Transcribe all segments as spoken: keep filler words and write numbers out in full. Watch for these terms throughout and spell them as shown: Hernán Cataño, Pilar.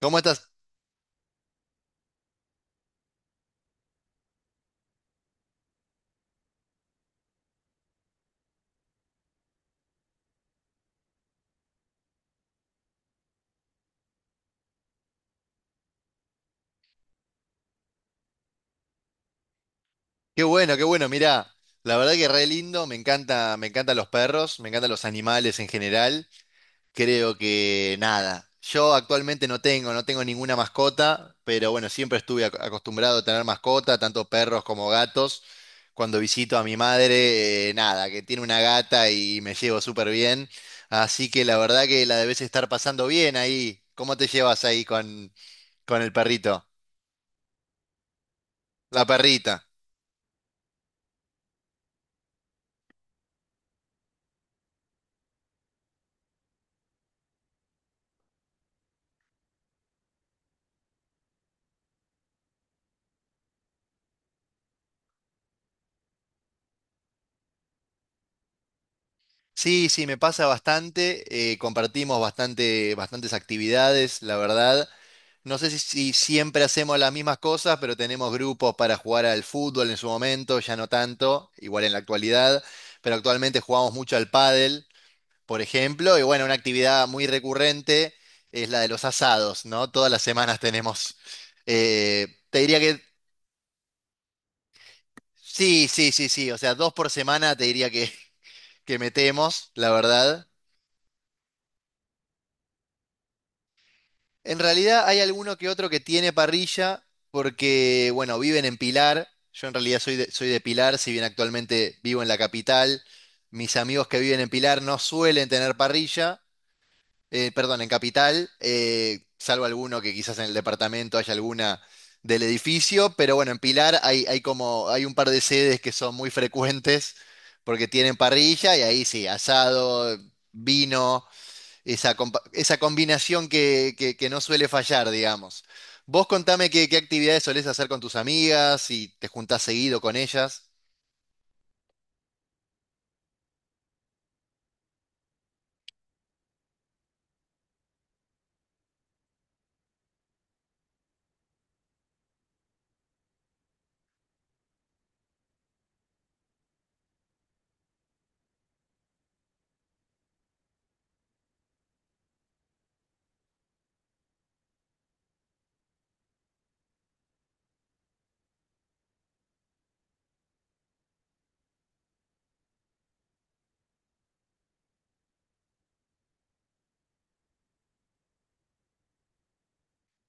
¿Cómo estás? Qué bueno, qué bueno. Mirá, la verdad que re lindo. Me encanta, me encantan los perros, me encantan los animales en general. Creo que nada. Yo actualmente no tengo, no tengo ninguna mascota, pero bueno, siempre estuve ac- acostumbrado a tener mascota, tanto perros como gatos. Cuando visito a mi madre, eh, nada, que tiene una gata y me llevo súper bien. Así que la verdad que la debes estar pasando bien ahí. ¿Cómo te llevas ahí con, con el perrito? La perrita. Sí, sí, me pasa bastante. Eh, compartimos bastante, bastantes actividades, la verdad. No sé si, si siempre hacemos las mismas cosas, pero tenemos grupos para jugar al fútbol en su momento, ya no tanto, igual en la actualidad. Pero actualmente jugamos mucho al pádel, por ejemplo. Y bueno, una actividad muy recurrente es la de los asados, ¿no? Todas las semanas tenemos. Eh, te diría que sí, sí, sí, sí. O sea, dos por semana te diría que, que metemos, la verdad. En realidad hay alguno que otro que tiene parrilla porque, bueno, viven en Pilar. Yo en realidad soy de, soy de Pilar, si bien actualmente vivo en la capital. Mis amigos que viven en Pilar no suelen tener parrilla, eh, perdón, en capital, eh, salvo alguno que quizás en el departamento haya alguna del edificio, pero bueno, en Pilar hay, hay como, hay un par de sedes que son muy frecuentes porque tienen parrilla y ahí sí, asado, vino esa, compa- esa combinación que, que- que no suele fallar, digamos. Vos contame qué, qué actividades solés hacer con tus amigas, si te juntás seguido con ellas.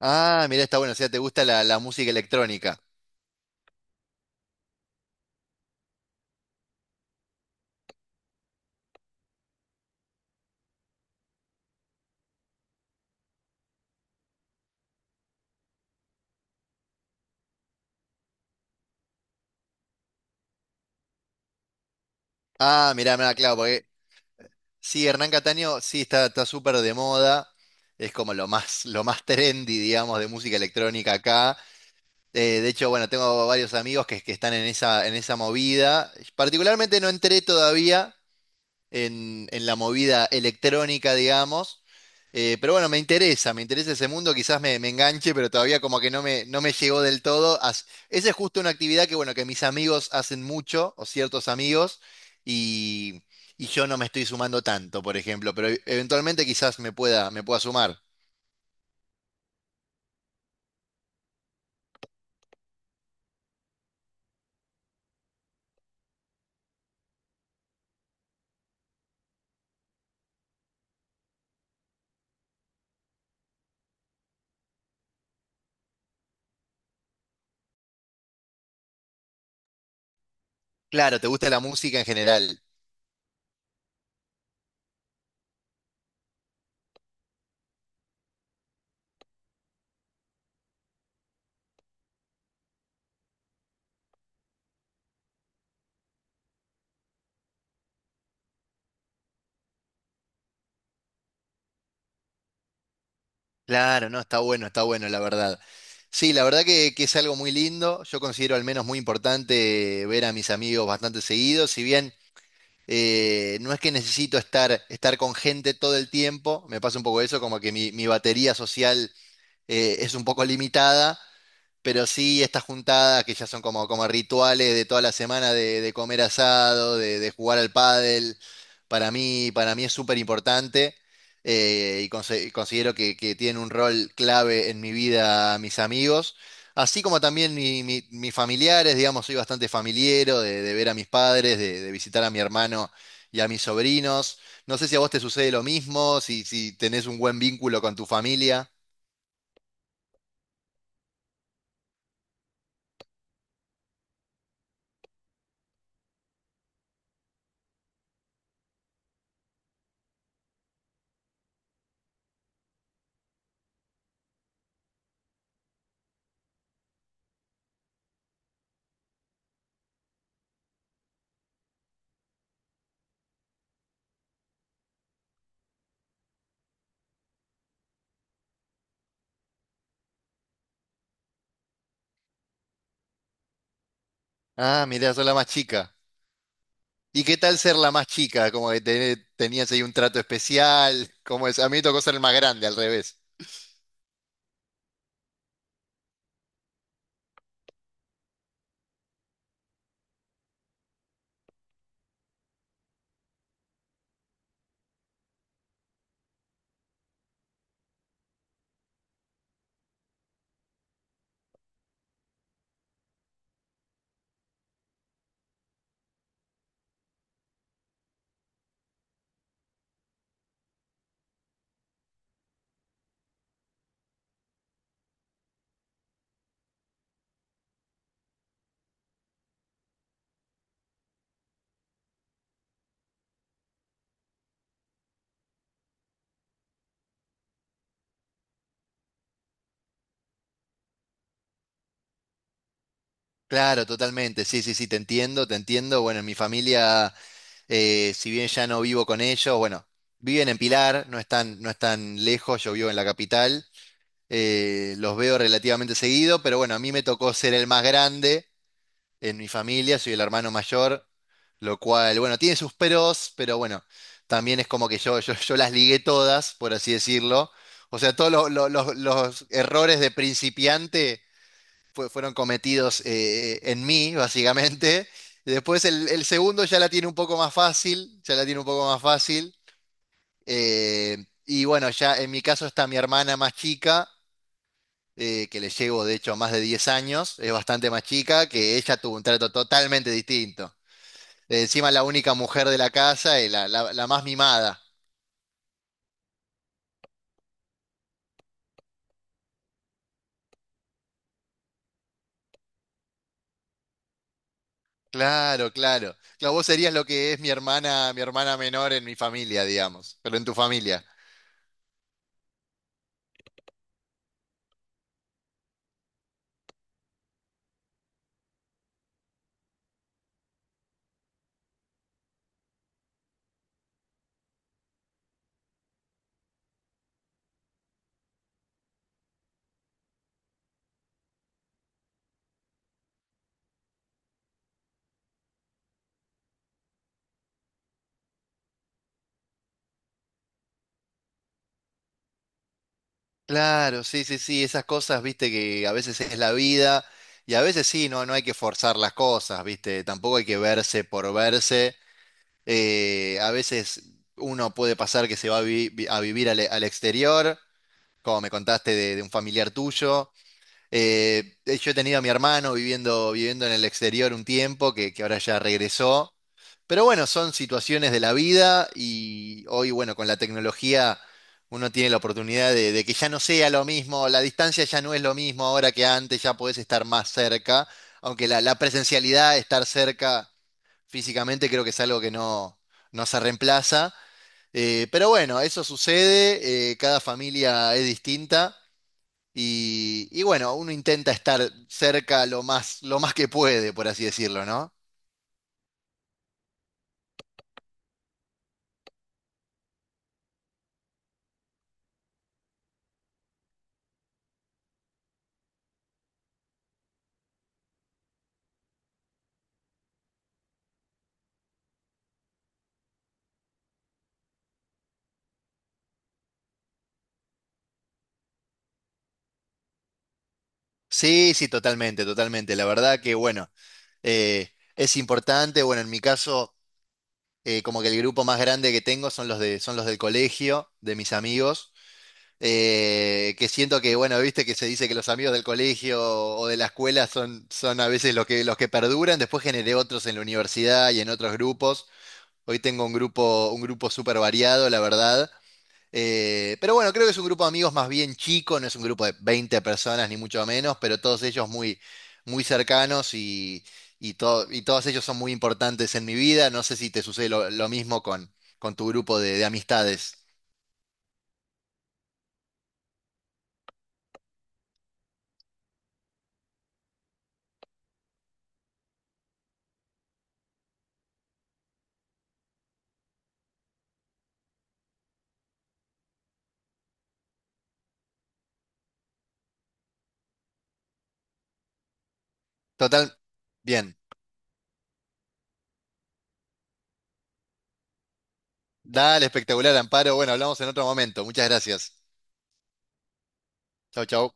Ah, mirá, está bueno, o sea, te gusta la, la música electrónica. Ah, mirá, mirá, claro, porque sí, Hernán Cataño sí está, está súper de moda. Es como lo más, lo más trendy, digamos, de música electrónica acá. Eh, de hecho, bueno, tengo varios amigos que, que están en esa, en esa movida. Particularmente no entré todavía. en, en, la movida electrónica, digamos. Eh, pero bueno, me interesa, me interesa ese mundo, quizás me, me enganche, pero todavía como que no me, no me llegó del todo. As- Esa es justo una actividad que, bueno, que mis amigos hacen mucho, o ciertos amigos, y, y yo no me estoy sumando tanto, por ejemplo, pero e- eventualmente quizás me pueda, me pueda sumar. Claro, ¿te gusta la música en general? Claro, no, está bueno, está bueno, la verdad. Sí, la verdad que, que es algo muy lindo. Yo considero al menos muy importante ver a mis amigos bastante seguido, si bien... Eh, no es que necesito estar, estar con gente todo el tiempo, me pasa un poco eso, como que mi, mi batería social eh, es un poco limitada, pero sí, estas juntadas que ya son como, como rituales de toda la semana de, de comer asado, de, de jugar al pádel, para mí, para mí es súper importante eh, y conse- considero que, que tienen un rol clave en mi vida mis amigos, así como también mi- mi- mis familiares, digamos, soy bastante familiero de, de ver a mis padres, de, de visitar a mi hermano y a mis sobrinos. No sé si a vos te sucede lo mismo, si, si tenés un buen vínculo con tu familia. Ah, mirá, sos la más chica. ¿Y qué tal ser la más chica? Como que te- tenías ahí un trato especial. ¿Cómo es? A mí me tocó ser el más grande, al revés. Claro, totalmente. Sí, sí, sí, te entiendo, te entiendo. Bueno, en mi familia, eh, si bien ya no vivo con ellos, bueno, viven en Pilar, no están, no están lejos, yo vivo en la capital. Eh, los veo relativamente seguido, pero bueno, a mí me tocó ser el más grande. En mi familia, soy el hermano mayor, lo cual, bueno, tiene sus peros, pero bueno, también es como que yo, yo, yo las ligué todas, por así decirlo. O sea, todos los, los- los- los errores de principiante fue- fueron cometidos eh, en mí, básicamente. Después el, el segundo ya la tiene un poco más fácil, ya la tiene un poco más fácil. Eh, y bueno, ya en mi caso está mi hermana más chica eh, que le llevo de hecho más de diez años, es bastante más chica, que ella tuvo un trato totalmente distinto. Eh, Encima la única mujer de la casa y la, la- la más mimada. Claro, claro. Claro, vos serías lo que es mi hermana, mi hermana menor en mi familia, digamos, pero en tu familia. Claro, sí, sí, sí, esas cosas, viste, que a veces es la vida y a veces sí, no, no hay que forzar las cosas, viste, tampoco hay que verse por verse. Eh, a veces uno puede pasar que se va a, vi- vi- a vivir al, al exterior, como me contaste de de un familiar tuyo. Eh, eh, yo he tenido a mi hermano viviendo, viviendo en el exterior un tiempo, que, que ahora ya regresó. Pero bueno, son situaciones de la vida y hoy, bueno, con la tecnología uno tiene la oportunidad de, de que ya no sea lo mismo, la distancia ya no es lo mismo ahora que antes, ya podés estar más cerca, aunque la, la presencialidad, estar cerca físicamente, creo que es algo que no, no se reemplaza. Eh, pero bueno, eso sucede, eh, cada familia es distinta. Y, y bueno, uno intenta estar cerca lo más, lo más que puede, por así decirlo, ¿no? Sí, sí, totalmente, totalmente. La verdad que, bueno, eh, es importante. Bueno, en mi caso, eh, como que el grupo más grande que tengo son los de, son los del colegio, de mis amigos, eh, que siento que, bueno, viste que se dice que los amigos del colegio o de la escuela son, son a veces los que, los que perduran. Después generé otros en la universidad y en otros grupos. Hoy tengo un grupo, un grupo súper variado, la verdad. Eh, pero bueno, creo que es un grupo de amigos más bien chico, no es un grupo de veinte personas ni mucho menos, pero todos ellos muy, muy cercanos y, y, to- y todos ellos son muy importantes en mi vida. No sé si te sucede lo, lo mismo con, con tu grupo de, de amistades. Total, bien. Dale, espectacular, Amparo. Bueno, hablamos en otro momento. Muchas gracias. Chau, chau.